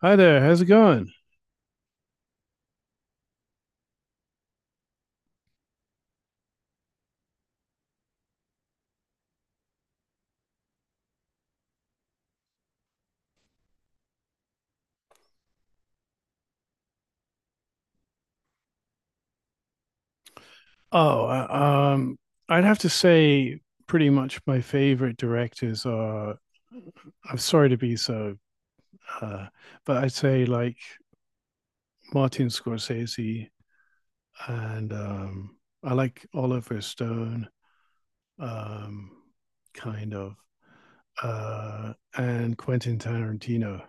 Hi there, how's it going? Oh, uh, um, I'd have to say pretty much my favorite directors are. I'm sorry to be so, uh, but I'd say like Martin Scorsese and I like Oliver Stone, um, kind of, and Quentin Tarantino.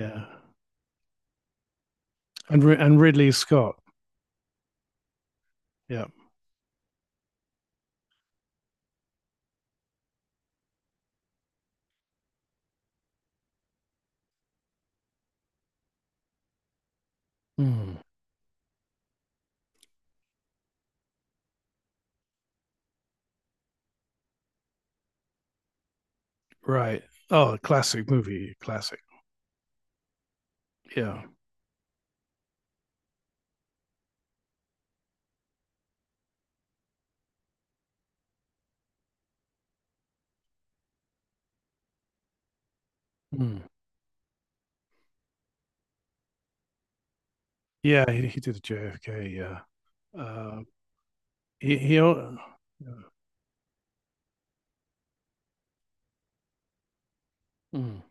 Yeah, and Ridley Scott. Yeah. Hmm. Right. Oh, classic movie, classic. Yeah. Yeah, he did a JFK. Yeah, uh, he he. al- Mm.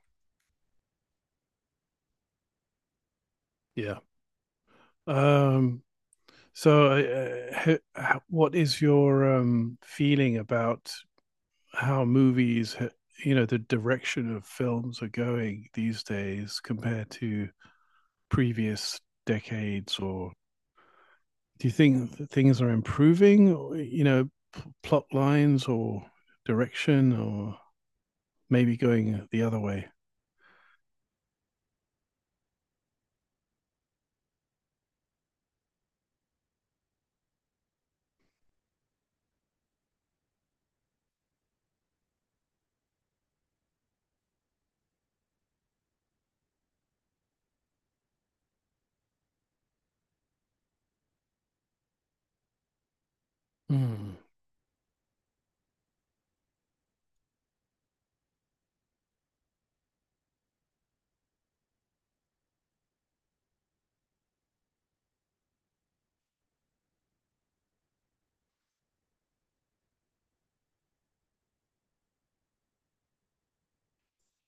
Yeah. Um, what is your feeling about how movies, you know, the direction of films are going these days compared to previous decades? Or do you think that things are improving, you know, plot lines or direction, or maybe going the other way? Mm.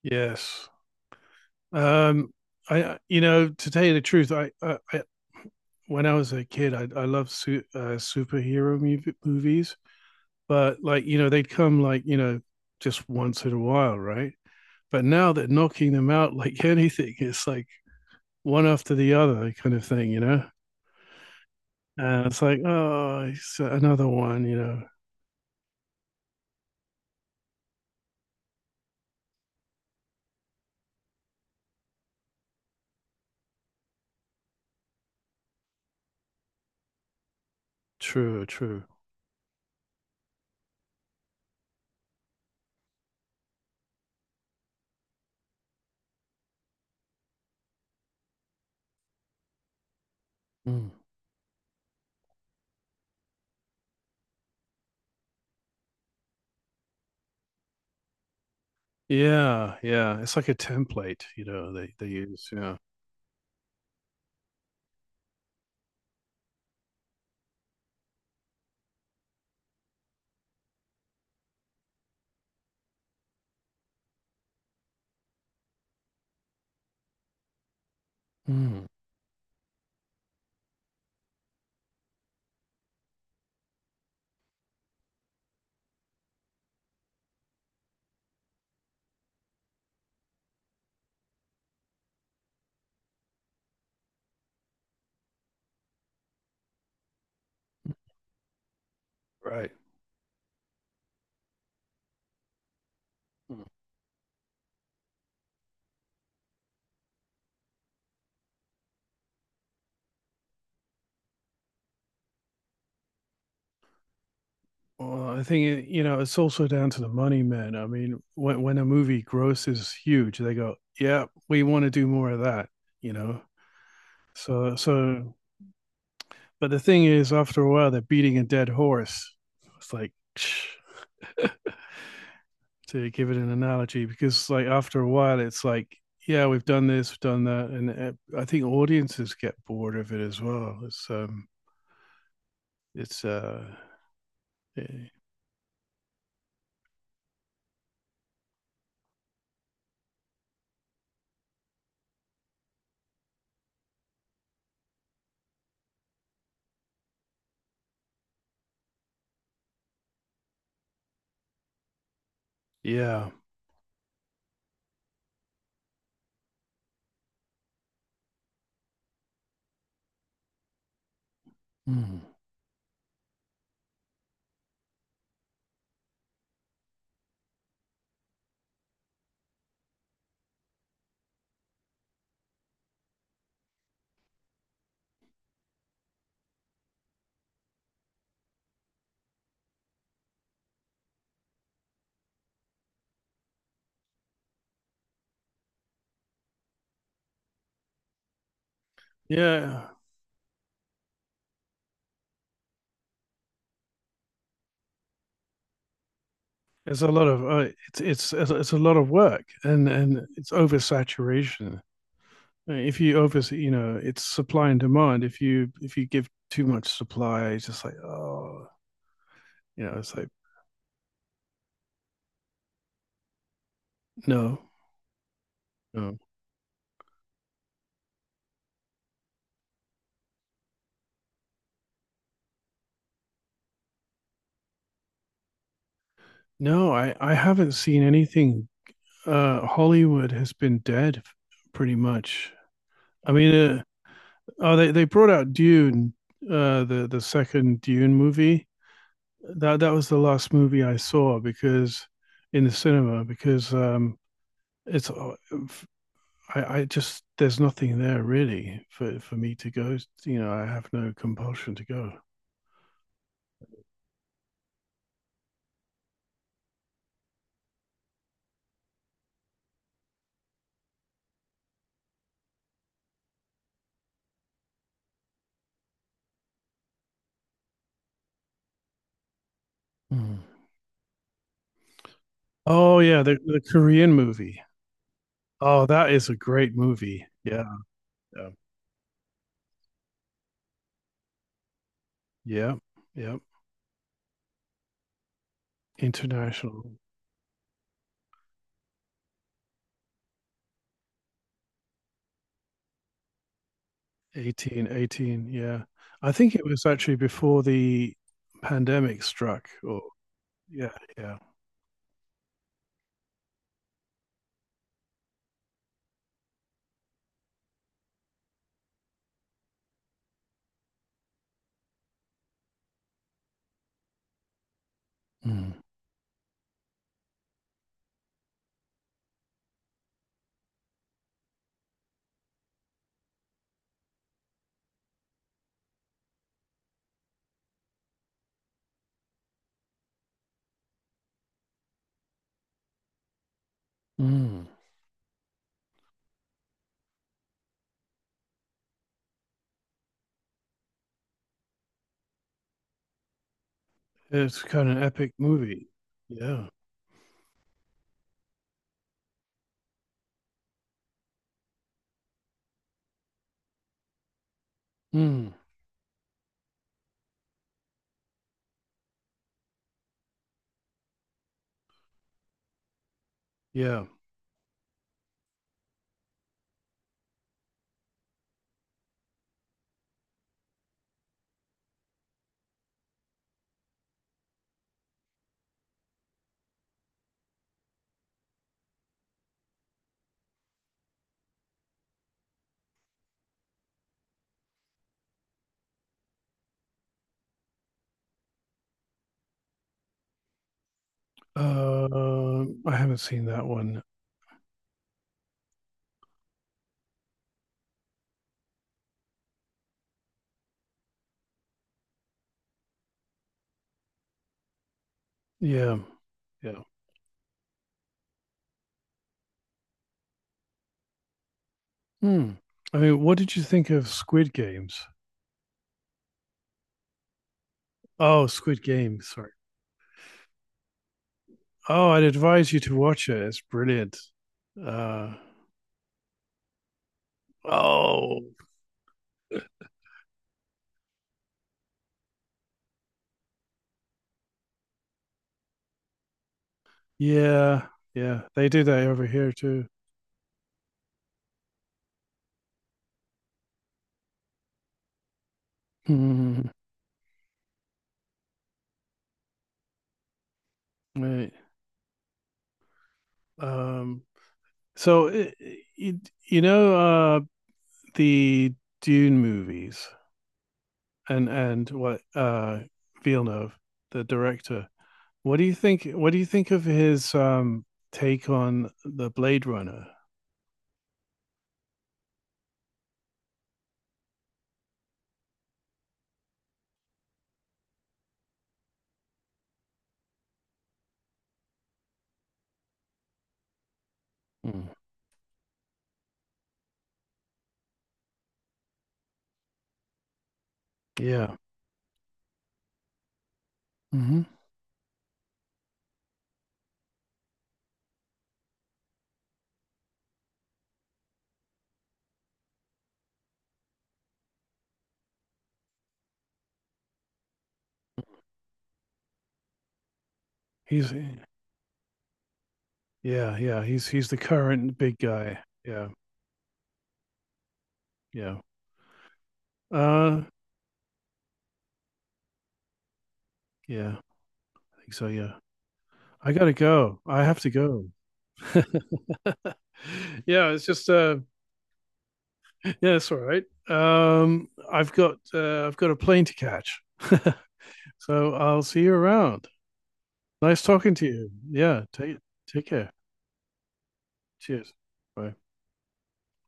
Yes. Um, I, you know, to tell you the truth, I when I was a kid, I loved superhero movies, but like, you know, they'd come, like, you know, just once in a while, right? But now they're knocking them out like anything. It's like one after the other kind of thing, you know. And it's like, oh, it's another one, you know. True, true. Mm. Yeah, yeah. It's like a template, you know. They use, yeah. Mm. Right. Mm. Well, I think, you know, it's also down to the money, man. I mean, when a movie grosses huge, they go, "Yeah, we want to do more of that," you know. So so, but the thing is, after a while, they're beating a dead horse. It's like to give it an analogy, because like after a while, it's like, yeah, we've done this, we've done that, and I think audiences get bored of it as well. It's uh, eh, yeah. Mm. Yeah. It's a lot of it's a lot of work, and it's oversaturation. If you over, you know, it's supply and demand. If you give too much supply, it's just like, oh, you know, it's like no, no. No, I haven't seen anything. Hollywood has been dead pretty much. I mean, oh, they brought out Dune, the second Dune movie. That was the last movie I saw because in the cinema because it's I, just there's nothing there really for me to go. You know, I have no compulsion to go. Hmm. Oh yeah, the Korean movie. Oh, that is a great movie. Yeah, yeah, yeah. Yeah. International. 18, 18, yeah. I think it was actually before the pandemic struck, or yeah, yeah. Mm. Mm. It's kind of an epic movie. Yeah. Mm. Yeah. I haven't seen that one. Yeah, yeah. Mm. I mean, what did you think of Squid Games? Oh, Squid Game, sorry. Oh, I'd advise you to watch it. It's brilliant. Uh, oh, yeah, yeah. They do that over here too. Right. Um, so it, it, you know, the Dune movies and what, Villeneuve, the director. What do you think? What do you think of his take on the Blade Runner? Mm. Yeah. Hmm. He's, yeah, yeah, he's the current big guy. Yeah, yeah, uh yeah, I think so, yeah. I gotta go. I have to go. Yeah, it's just yeah, that's all right. I've got, I've got a plane to catch, so I'll see you around. Nice talking to you. Yeah, take care. Cheers. Bye.